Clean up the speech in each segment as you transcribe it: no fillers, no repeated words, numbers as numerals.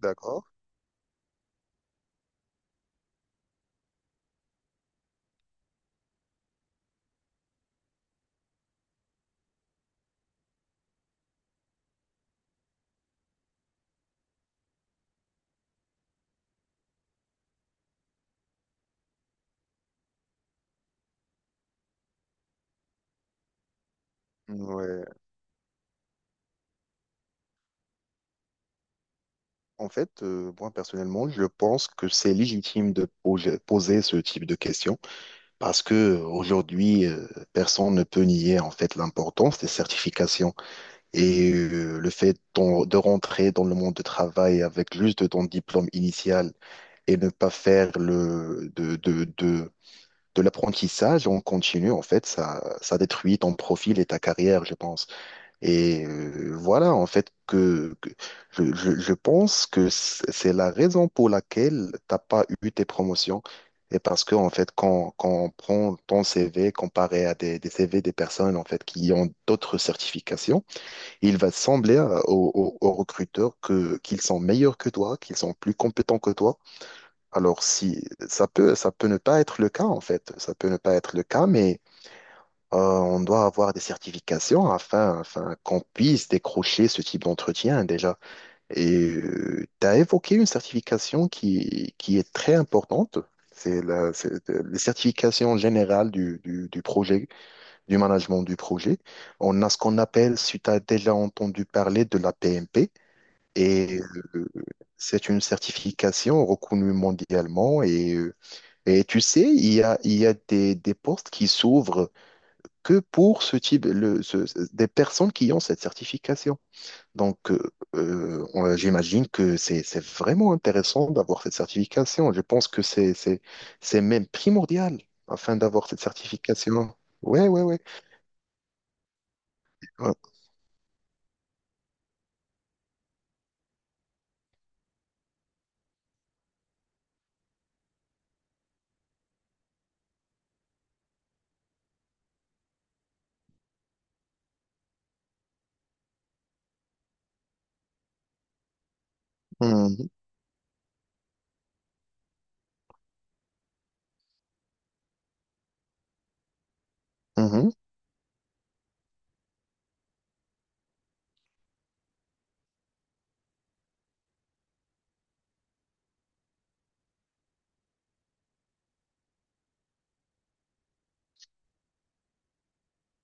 D'accord. Ouais. En fait, moi personnellement, je pense que c'est légitime de poser ce type de questions parce que aujourd'hui, personne ne peut nier en fait l'importance des certifications et le fait de rentrer dans le monde du travail avec juste ton diplôme initial et ne pas faire le de l'apprentissage en continu, en fait, ça détruit ton profil et ta carrière, je pense. Et voilà, en fait, je pense que c'est la raison pour laquelle t'as pas eu tes promotions. Et parce que, en fait, quand on prend ton CV comparé à des CV des personnes, en fait, qui ont d'autres certifications, il va sembler aux recruteurs qu'ils sont meilleurs que toi, qu'ils sont plus compétents que toi. Alors, si, ça peut ne pas être le cas, en fait. Ça peut ne pas être le cas, mais on doit avoir des certifications afin qu'on puisse décrocher ce type d'entretien déjà. Et tu as évoqué une certification qui est très importante. Les certifications générales du projet, du management du projet. On a ce qu'on appelle, si tu as déjà entendu parler de la PMP, et euh, c'est une certification reconnue mondialement. Et tu sais, il y a des postes qui s'ouvrent que pour ce type, des personnes qui ont cette certification. Donc, j'imagine que c'est vraiment intéressant d'avoir cette certification. Je pense que c'est même primordial afin d'avoir cette certification. Ouais, ouais, ouais. Ouais. Mhm. Mhm.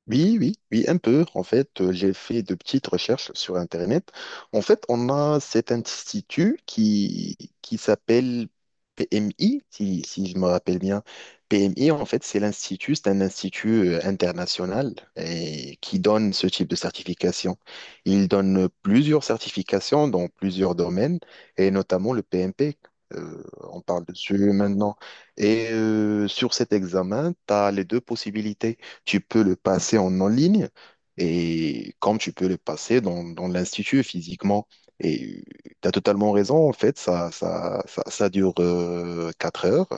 Oui, oui, oui, un peu. En fait, j'ai fait de petites recherches sur Internet. En fait, on a cet institut qui s'appelle PMI, si je me rappelle bien. PMI, en fait, c'est un institut international et qui donne ce type de certification. Il donne plusieurs certifications dans plusieurs domaines et notamment le PMP. Euh, on parle dessus maintenant. Et sur cet examen, tu as les deux possibilités. Tu peux le passer en ligne et comme tu peux le passer dans l'institut physiquement. Et tu as totalement raison, en fait, ça dure 4 heures.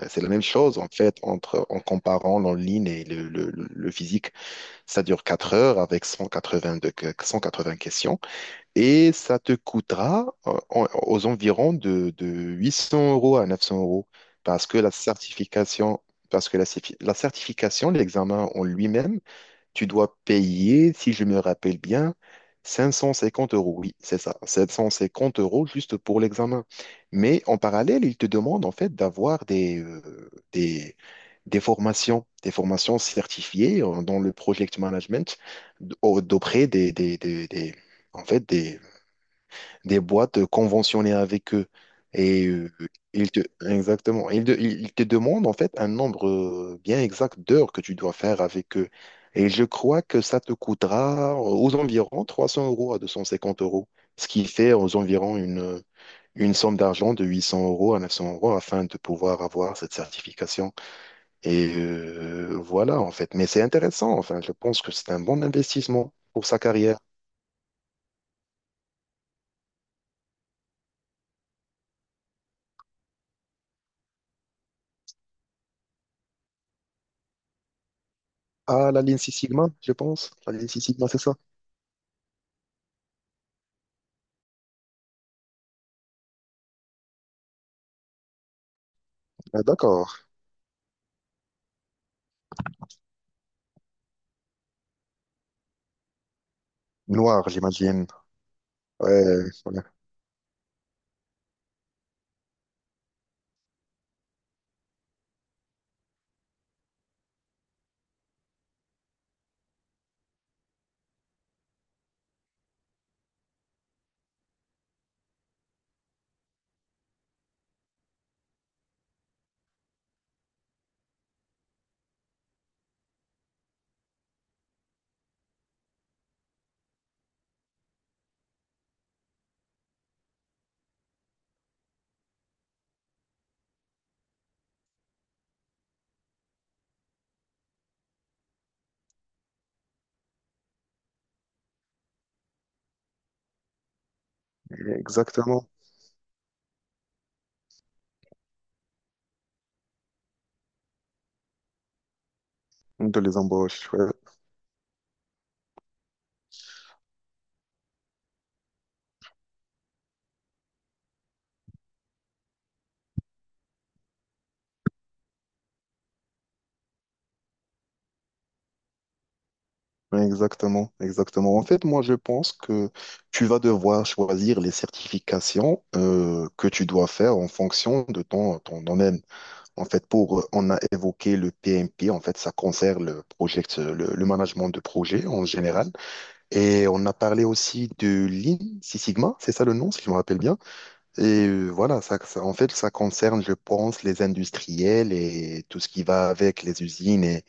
C'est la même chose, en fait, en comparant l'en ligne et le physique. Ça dure 4 heures avec 180 questions et ça te coûtera aux environs de 800 € à 900 € parce que la certification, parce que la, certifi- la certification, l'examen en lui-même, tu dois payer, si je me rappelle bien, 550 euros. Oui, c'est ça, 750 € juste pour l'examen. Mais en parallèle, ils te demandent en fait d'avoir des formations, des formations certifiées dans le project management d'auprès en fait, des, des boîtes conventionnées avec eux. Et ils te, exactement, ils te demandent en fait un nombre bien exact d'heures que tu dois faire avec eux. Et je crois que ça te coûtera aux environs 300 € à 250 euros, ce qui fait aux environs une somme d'argent de 800 € à 900 € afin de pouvoir avoir cette certification. Et voilà en fait. Mais c'est intéressant, enfin, je pense que c'est un bon investissement pour sa carrière. Ah, la ligne Six Sigma, je pense. La ligne Six Sigma, c'est ça. Ah, d'accord. Noir, j'imagine. Ouais, ouais, exactement. De les embauches. Ouais. Ouais, exactement, exactement. En fait, moi, je pense que tu vas devoir choisir les certifications que tu dois faire en fonction de ton domaine. En fait, on a évoqué le PMP. En fait, ça concerne le management de projet en général. Et on a parlé aussi de Lean Six Sigma. C'est ça le nom, si je me rappelle bien. Et voilà, en fait, ça concerne, je pense, les industriels et tout ce qui va avec les usines et,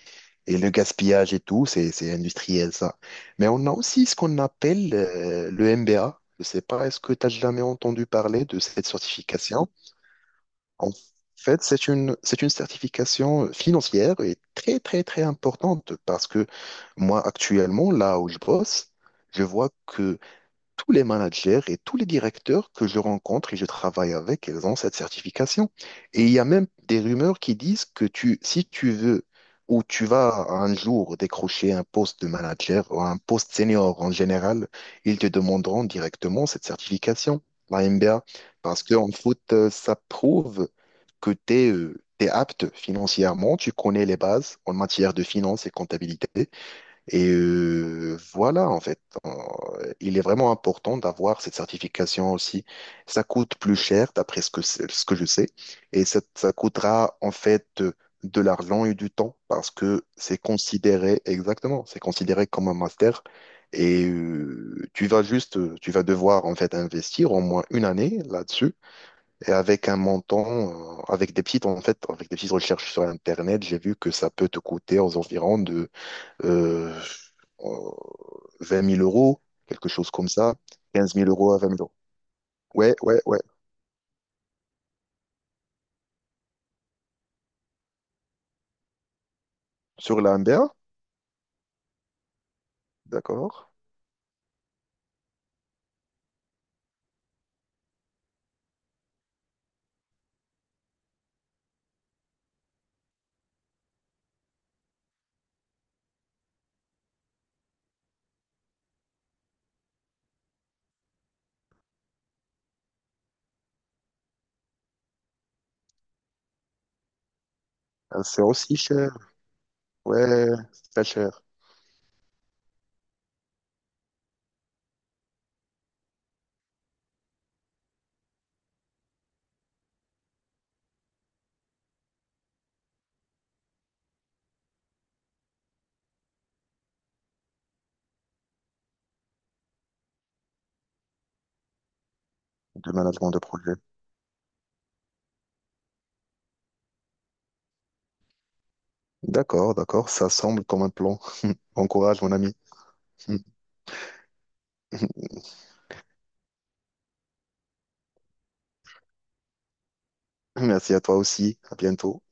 et le gaspillage et tout, c'est industriel, ça. Mais on a aussi ce qu'on appelle le MBA. Je sais pas, est-ce que tu as jamais entendu parler de cette certification? En fait, c'est une certification financière et très, très, très importante parce que moi, actuellement, là où je bosse, je vois que tous les managers et tous les directeurs que je rencontre et je travaille avec, ils ont cette certification. Et il y a même des rumeurs qui disent que si tu veux ou tu vas un jour décrocher un poste de manager ou un poste senior en général, ils te demanderont directement cette certification, la MBA, parce qu'en foot, ça prouve que tu es, apte financièrement, tu connais les bases en matière de finance et comptabilité, et voilà, en fait, il est vraiment important d'avoir cette certification aussi. Ça coûte plus cher, d'après ce que je sais, et ça coûtera en fait de l'argent et du temps, parce que c'est considéré, exactement, c'est considéré comme un master, et tu vas devoir en fait investir au moins une année là-dessus, et avec des petites recherches sur Internet, j'ai vu que ça peut te coûter aux environs euh, euh, 20 000 euros, quelque chose comme ça, 15 000 € à 20 000 euros. Ouais, ouais, ouais. Sur l'Amber, d'accord. C'est aussi cher. Ouais, c'est très cher, le management de projet. D'accord, d'accord, ça semble comme un plan. Bon courage, mon ami. Merci à toi aussi. À bientôt.